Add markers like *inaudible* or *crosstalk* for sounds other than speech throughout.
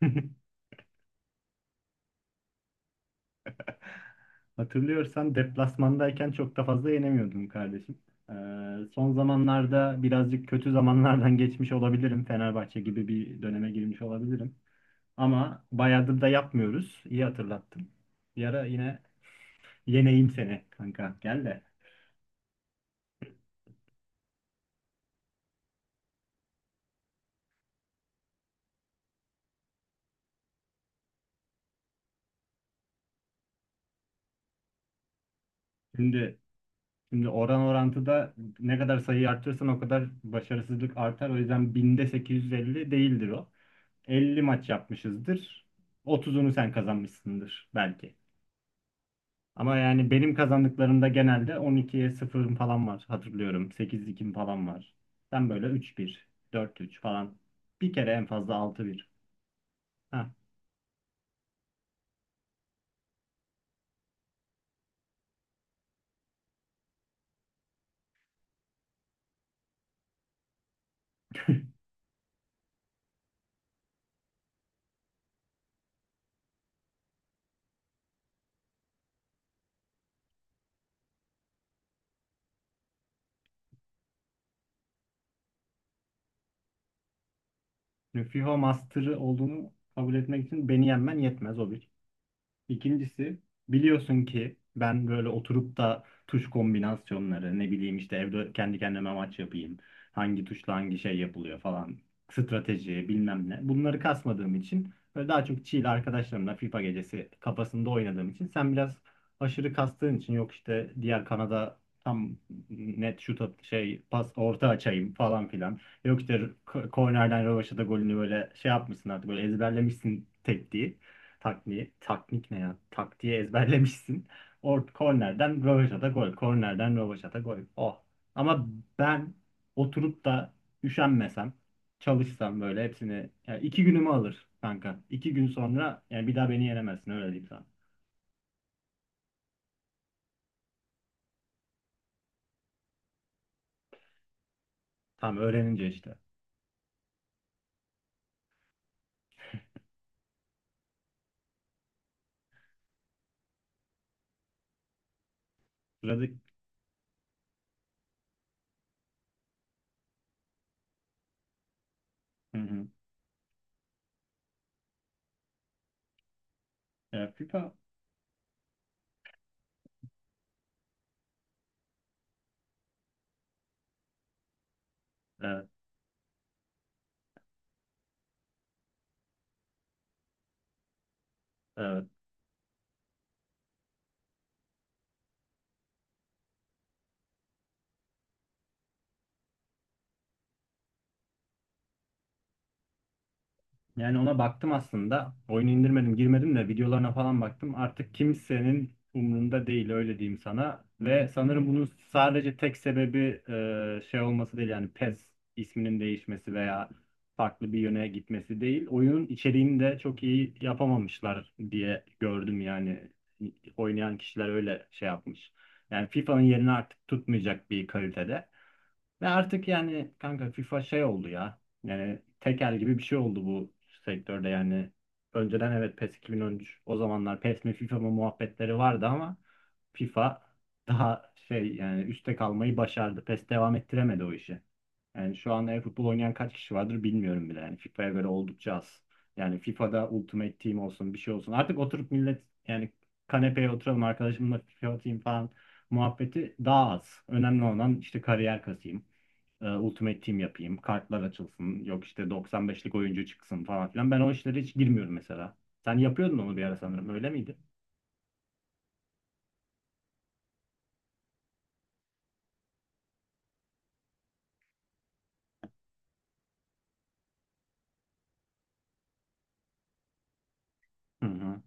*laughs* Hatırlıyorsan deplasmandayken çok da fazla yenemiyordum kardeşim. Ee, Son zamanlarda birazcık kötü zamanlardan *laughs* geçmiş olabilirim. Fenerbahçe gibi bir döneme girmiş olabilirim. Ama bayağıdır da yapmıyoruz. İyi hatırlattın. Bir ara yine yeneyim seni kanka. Gel de. Şimdi şimdi oran orantıda ne kadar sayıyı arttırırsan o kadar başarısızlık artar. O yüzden binde 850 değildir o. 50 maç yapmışızdır. 30'unu sen kazanmışsındır belki. Ama yani benim kazandıklarımda genelde 12-0 falan var, hatırlıyorum. Sekiz 2 falan var. Sen böyle 3-1, 4-3 falan. Bir kere en fazla 6-1. Ha. Nüfiho Master'ı olduğunu kabul etmek için beni yenmen yetmez, o bir. İkincisi, biliyorsun ki ben böyle oturup da tuş kombinasyonları ne bileyim işte evde kendi kendime maç yapayım. Hangi tuşla hangi şey yapılıyor falan. Strateji bilmem ne. Bunları kasmadığım için böyle daha çok chill arkadaşlarımla FIFA gecesi kafasında oynadığım için sen biraz aşırı kastığın için yok işte diğer kanada tam net şey pas orta açayım falan filan. Yok işte kornerden rövaşata golünü böyle şey yapmışsın, artık böyle ezberlemişsin tekniği. Takviye, taknik ne ya? Taktiği ezberlemişsin. Kornerden rövaşata gol. Kornerden rövaşata gol. Oh. Ama ben oturup da üşenmesem, çalışsam böyle hepsini, yani 2 günümü alır kanka. 2 gün sonra yani bir daha beni yenemezsin, öyle diyeyim sana. Tamam, öğrenince işte. Sıradaki. Hı hı. E, FIFA. Evet, evet. Yani ona baktım aslında. Oyunu indirmedim, girmedim de videolarına falan baktım. Artık kimsenin umrunda değil, öyle diyeyim sana. Ve sanırım bunun sadece tek sebebi şey olması değil, yani PES isminin değişmesi veya farklı bir yöne gitmesi değil. Oyunun içeriğini de çok iyi yapamamışlar diye gördüm yani. Oynayan kişiler öyle şey yapmış. Yani FIFA'nın yerini artık tutmayacak bir kalitede. Ve artık yani kanka FIFA şey oldu ya. Yani tekel gibi bir şey oldu bu sektörde yani. Önceden evet PES 2013, o zamanlar PES mi FIFA mı muhabbetleri vardı ama FIFA daha şey, yani üstte kalmayı başardı. PES devam ettiremedi o işi. Yani şu anda e-futbol oynayan kaç kişi vardır bilmiyorum bile. Yani FIFA'ya göre oldukça az. Yani FIFA'da Ultimate Team olsun, bir şey olsun. Artık oturup millet yani kanepeye oturalım, arkadaşımla FIFA atayım falan muhabbeti daha az. Önemli olan işte kariyer kasayım, Ultimate Team yapayım, kartlar açılsın, yok işte 95'lik oyuncu çıksın falan filan. Ben o işlere hiç girmiyorum mesela. Sen yapıyordun onu bir ara sanırım, öyle miydi? Hı hı.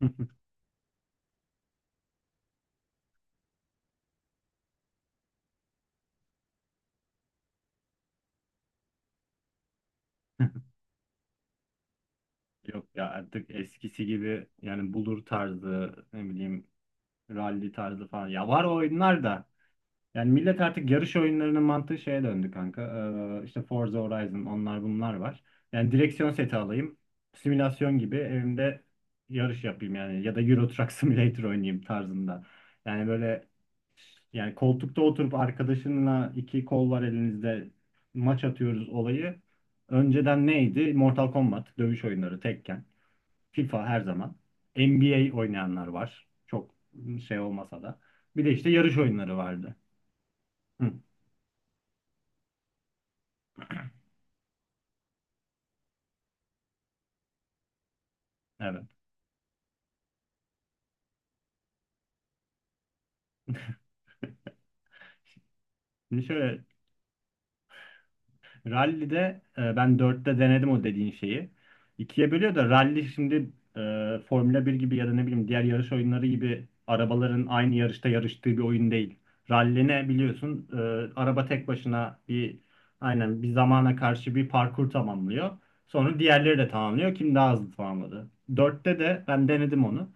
*laughs* Yok ya, artık eskisi gibi yani bulur tarzı, ne bileyim rally tarzı falan. Ya var o oyunlar da. Yani millet artık yarış oyunlarının mantığı şeye döndü kanka. İşte Forza Horizon onlar bunlar var. Yani direksiyon seti alayım. Simülasyon gibi evimde yarış yapayım yani. Ya da Euro Truck Simulator oynayayım tarzında. Yani böyle. Yani koltukta oturup arkadaşınla iki kol var elinizde maç atıyoruz olayı. Önceden neydi? Mortal Kombat, dövüş oyunları, Tekken, FIFA her zaman. NBA oynayanlar var. Çok şey olmasa da. Bir de işte yarış oyunları vardı. Hı, evet. Şimdi şöyle. Rally'de ben dörtte denedim o dediğin şeyi. İkiye bölüyor da, rally şimdi Formula 1 gibi ya da ne bileyim diğer yarış oyunları gibi arabaların aynı yarışta yarıştığı bir oyun değil. Rally ne biliyorsun? Araba tek başına bir, aynen, bir zamana karşı bir parkur tamamlıyor. Sonra diğerleri de tamamlıyor. Kim daha hızlı tamamladı? Dörtte de ben denedim onu.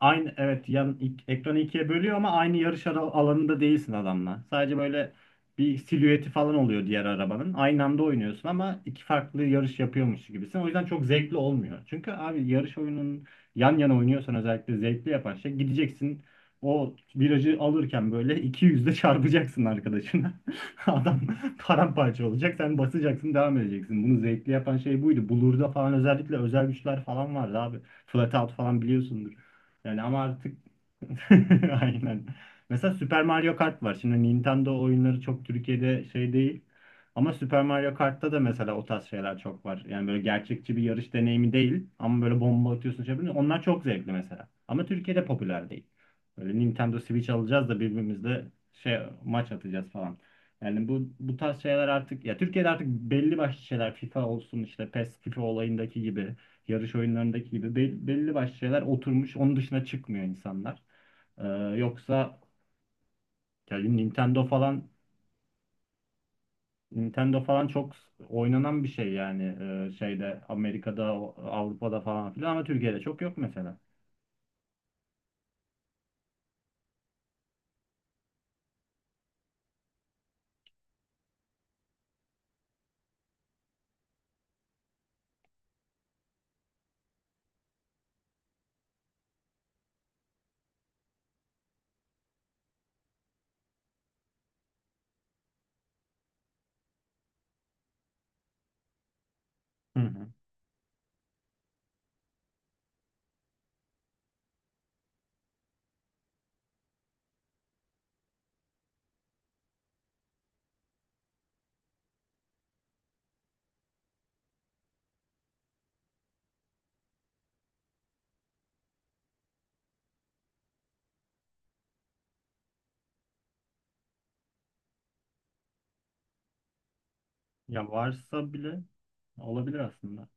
Aynı, evet, ekranı ikiye bölüyor ama aynı alanında değilsin adamla. Sadece böyle bir silüeti falan oluyor diğer arabanın. Aynı anda oynuyorsun ama iki farklı yarış yapıyormuş gibisin. O yüzden çok zevkli olmuyor. Çünkü abi yarış oyunun yan yana oynuyorsan özellikle zevkli yapan şey, gideceksin o virajı alırken böyle iki yüzle çarpacaksın arkadaşına. *laughs* Adam paramparça olacak. Sen basacaksın, devam edeceksin. Bunu zevkli yapan şey buydu. Bulur'da falan özellikle özel güçler falan vardı abi. Flatout falan biliyorsundur. Yani ama artık *laughs* aynen. Mesela Super Mario Kart var. Şimdi Nintendo oyunları çok Türkiye'de şey değil. Ama Super Mario Kart'ta da mesela o tarz şeyler çok var. Yani böyle gerçekçi bir yarış deneyimi değil. Ama böyle bomba atıyorsun, şey yapıyorsun. Onlar çok zevkli mesela. Ama Türkiye'de popüler değil. Böyle Nintendo Switch alacağız da birbirimizle şey maç atacağız falan. Yani bu tarz şeyler artık ya Türkiye'de artık belli başlı şeyler, FIFA olsun işte PES FIFA olayındaki gibi yarış oyunlarındaki gibi belli başlı şeyler oturmuş, onun dışına çıkmıyor insanlar. Ee, Yoksa ya Nintendo falan, çok oynanan bir şey yani şeyde, Amerika'da, Avrupa'da falan filan ama Türkiye'de çok yok mesela. Hı hı. Ya varsa bile olabilir aslında.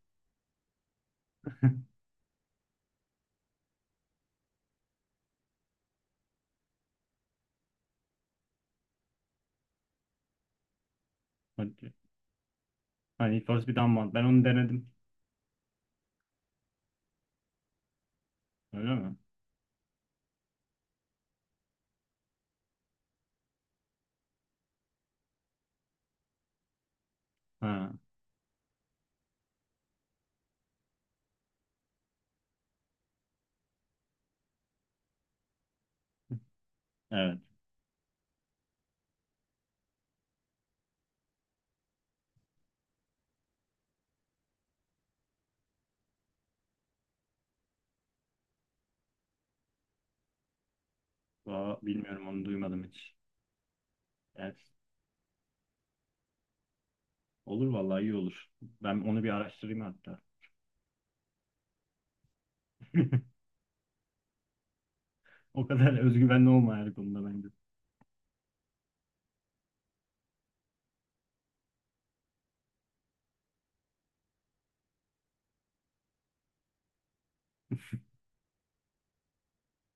Hadi. Hani Need for Speed Unbound. Ben onu denedim. Öyle mi? Ha, evet. Aa, bilmiyorum, onu duymadım hiç. Evet. Olur vallahi, iyi olur. Ben onu bir araştırayım hatta. *laughs* O kadar özgüvenli olma her konuda bence.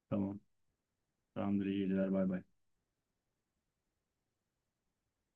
Tamam. Tamamdır, iyi geceler, bay bay.